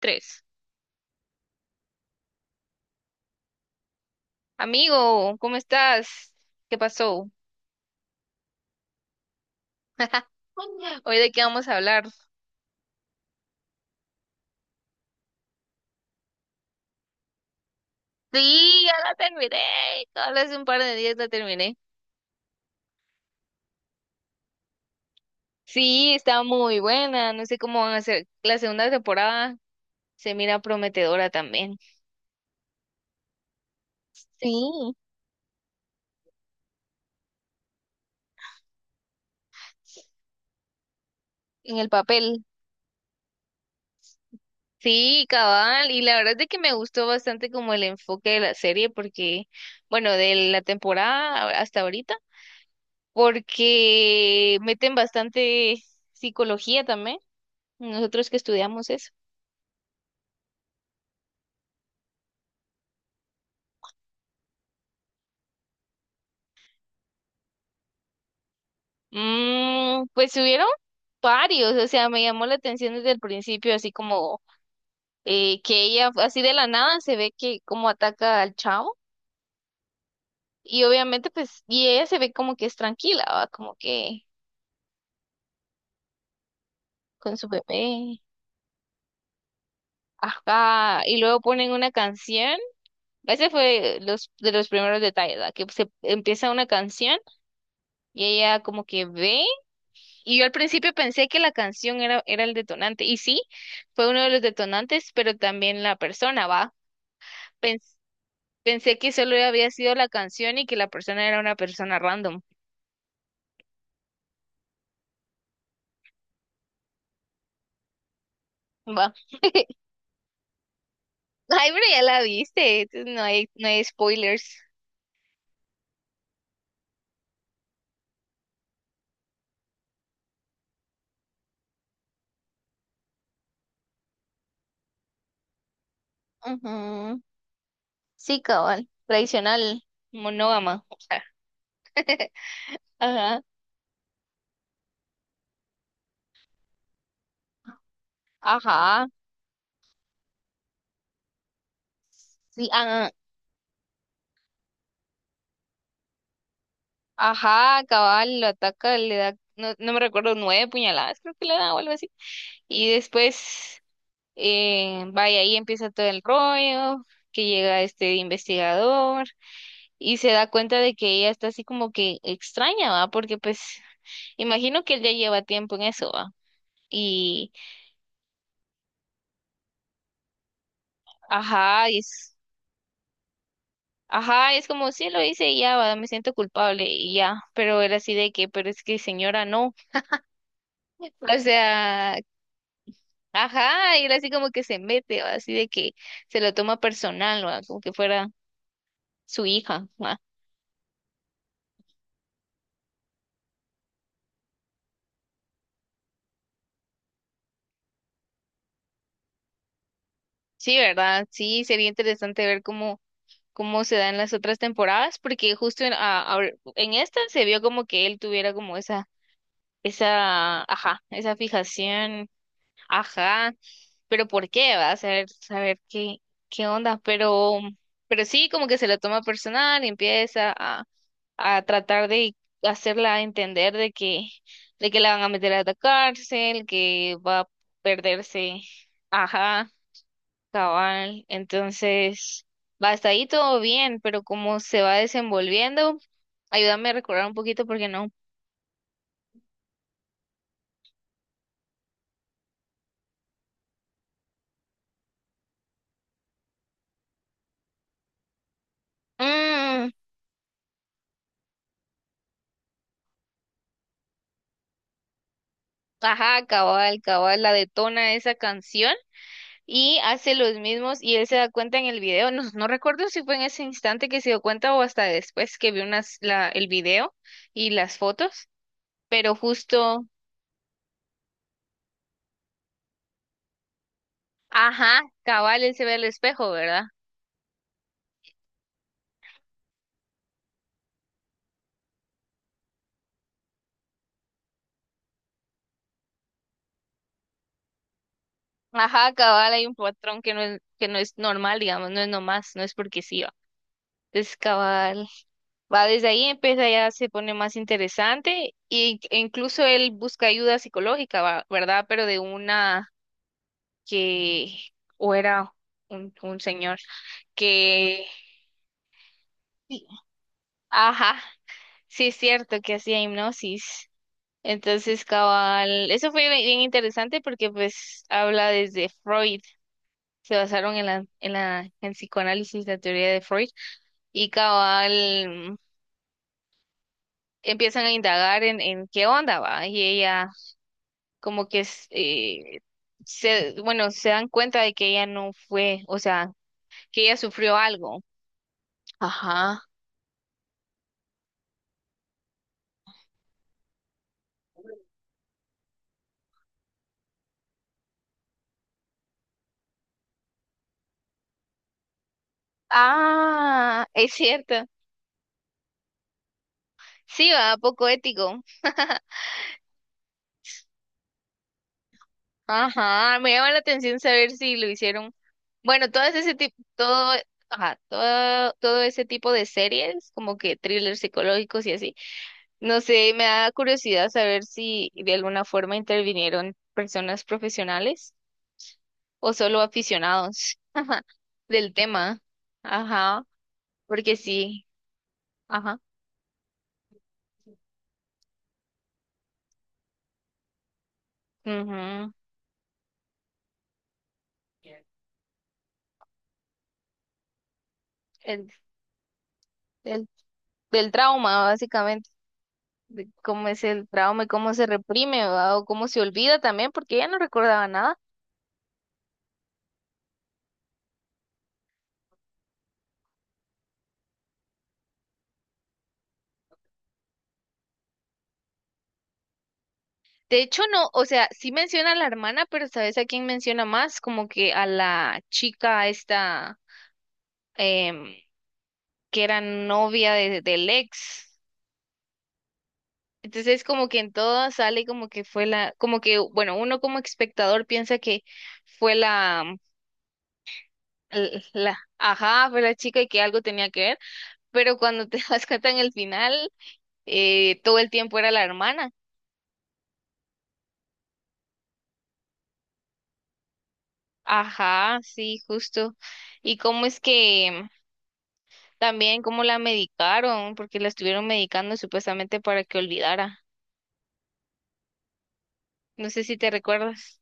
Tres. Amigo, ¿cómo estás? ¿Qué pasó? Hoy de qué vamos a hablar. Sí, ya la terminé. Solo hace un par de días la terminé. Sí, está muy buena. No sé cómo van a ser. La segunda temporada se mira prometedora también. Sí, en el papel. Sí, cabal. Y la verdad es de que me gustó bastante como el enfoque de la serie porque, bueno, de la temporada hasta ahorita, porque meten bastante psicología también. Nosotros que estudiamos eso. Mm, pues hubieron varios, o sea, me llamó la atención desde el principio, así como que ella, así de la nada, se ve que como ataca al chavo, y obviamente, pues, y ella se ve como que es tranquila, ¿va? Como que con su bebé, ajá, y luego ponen una canción, ese fue los, de los primeros detalles, ¿va? Que se empieza una canción y ella como que ve. Y yo al principio pensé que la canción era el detonante, y sí, fue uno de los detonantes, pero también la persona, ¿va? Pens- pensé que solo había sido la canción y que la persona era una persona random, ¿va? Ay, pero ya la viste, entonces no hay spoilers. Ujú. Sí, cabal, tradicional, monógama. Ajá, ajá, sí, ah, ajá, cabal, lo ataca, le da, no, no me recuerdo, nueve puñaladas, creo que le da o algo así. Y después eh, vaya, ahí empieza todo el rollo, que llega este investigador y se da cuenta de que ella está así como que extraña, ¿va? Porque pues imagino que él ya lleva tiempo en eso, ¿va? Y ajá, y es, ajá, es como sí lo hice y ya, ¿va? Me siento culpable y ya, pero era así de que, pero es que señora, no. O sea, ajá, y él así como que se mete, ¿va? Así de que se lo toma personal, ¿va? Como que fuera su hija, ¿va? Sí, ¿verdad? Sí, sería interesante ver cómo cómo se da en las otras temporadas, porque justo en esta se vio como que él tuviera como ajá, esa fijación, ajá, pero ¿por qué? Va a saber, saber qué, qué onda, pero sí, como que se lo toma personal y empieza a tratar de hacerla entender de que la van a meter a la cárcel, que va a perderse, ajá. Cabal, entonces, va hasta ahí todo bien, pero cómo se va desenvolviendo, ayúdame a recordar un poquito porque no. Mm, ajá, cabal, cabal, la detona esa canción y hace los mismos y él se da cuenta en el video, no, no recuerdo si fue en ese instante que se dio cuenta o hasta después que vio unas, la, el video y las fotos, pero justo, ajá, cabal, él se ve al espejo, ¿verdad? Ajá, cabal, hay un patrón que no es normal, digamos, no es nomás, no es porque sí, va. Es cabal. Va, desde ahí empieza ya se pone más interesante y, e incluso él busca ayuda psicológica, va, ¿verdad? Pero de una que, o era un señor que, sí, ajá, sí es cierto que hacía hipnosis. Entonces, cabal, eso fue bien bien interesante porque pues habla desde Freud, se basaron en psicoanálisis, la teoría de Freud. Y cabal, empiezan a indagar en qué onda va y ella como que es, se, bueno, se dan cuenta de que ella no fue, o sea, que ella sufrió algo. Ajá. Ah, es cierto. Sí, va, poco ético. Ajá, me llama la atención saber si lo hicieron. Bueno, todo ese tipo, todo, ajá, todo, todo ese tipo de series, como que thrillers psicológicos y así no sé, me da curiosidad saber si de alguna forma intervinieron personas profesionales o solo aficionados ajá, del tema. Ajá, porque sí, ajá. Ujú. El, el- del trauma, básicamente, de cómo es el trauma y cómo se reprime, ¿verdad? O cómo se olvida también, porque ella no recordaba nada. De hecho, no, o sea, sí menciona a la hermana, pero ¿sabes a quién menciona más? Como que a la chica esta, em, que era novia de- del ex. Entonces como que en todas sale como que fue la, como que, bueno, uno como espectador piensa que fue la, ajá, fue la chica y que algo tenía que ver, pero cuando te das cuenta en el final, todo el tiempo era la hermana. Ajá, sí, justo. Y cómo es que también cómo la medicaron, porque la estuvieron medicando supuestamente para que olvidara. No sé si te recuerdas.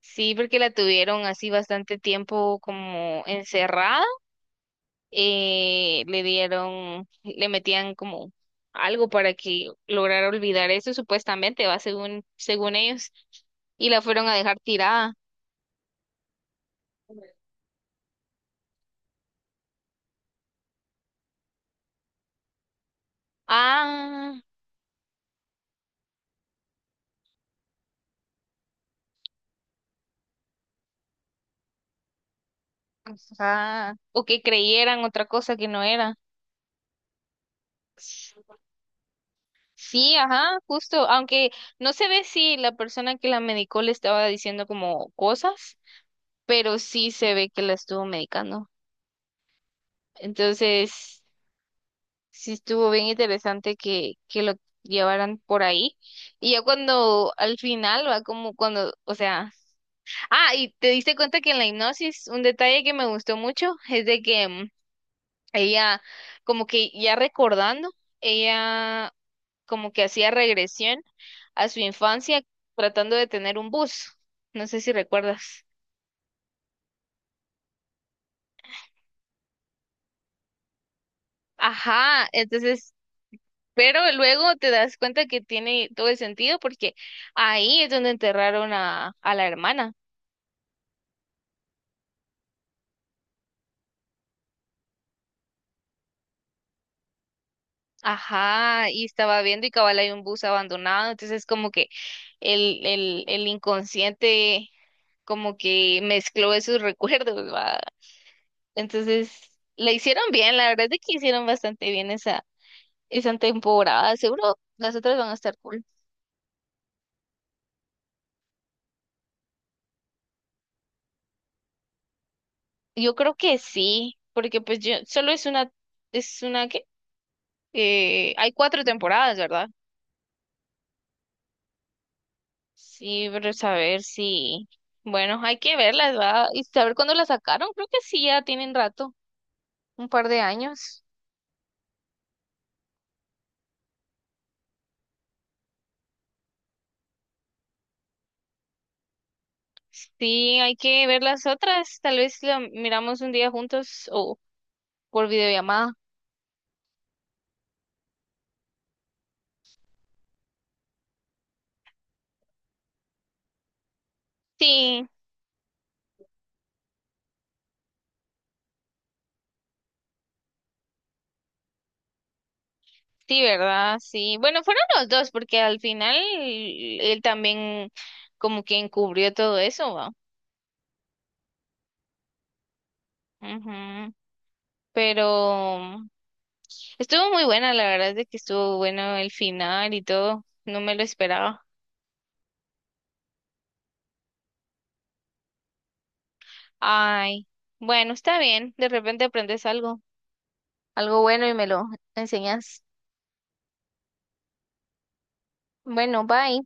Sí, porque la tuvieron así bastante tiempo como encerrada. Le dieron, le metían como algo para que lograra olvidar eso, supuestamente, va según, según ellos, y la fueron a dejar tirada. Ah, ajá. O que creyeran otra cosa que no era. Sí, ajá, justo, aunque no se ve si la persona que la medicó le estaba diciendo como cosas, pero sí se ve que la estuvo medicando. Entonces, sí estuvo bien interesante que lo llevaran por ahí. Y ya cuando al final va como cuando, o sea, ah, y te diste cuenta que en la hipnosis un detalle que me gustó mucho es de que ella como que ya recordando, ella como que hacía regresión a su infancia tratando de tener un bus. No sé si recuerdas. Ajá, entonces pero luego te das cuenta que tiene todo el sentido porque ahí es donde enterraron a la hermana. Ajá, y estaba viendo y cabal hay un bus abandonado, entonces como que el inconsciente como que mezcló esos recuerdos, ¿va? Entonces, la hicieron bien, la verdad es de que hicieron bastante bien esa, esa temporada. Seguro las otras van a estar cool. Yo creo que sí, porque pues yo, solo es una que, hay cuatro temporadas, ¿verdad? Sí, pero saber si, bueno, hay que verlas, va, y saber cuándo las sacaron, creo que sí, ya tienen rato, un par de años. Sí, hay que ver las otras, tal vez la miramos un día juntos o por videollamada. Sí, sí, ¿verdad? Sí, bueno, fueron los dos, porque al final él también como que encubrió todo eso, va. Ujú. Pero estuvo muy buena, la verdad es de que estuvo bueno el final y todo, no me lo esperaba. Ay, bueno, está bien. De repente aprendes algo, algo bueno y me lo enseñas. Bueno, bye.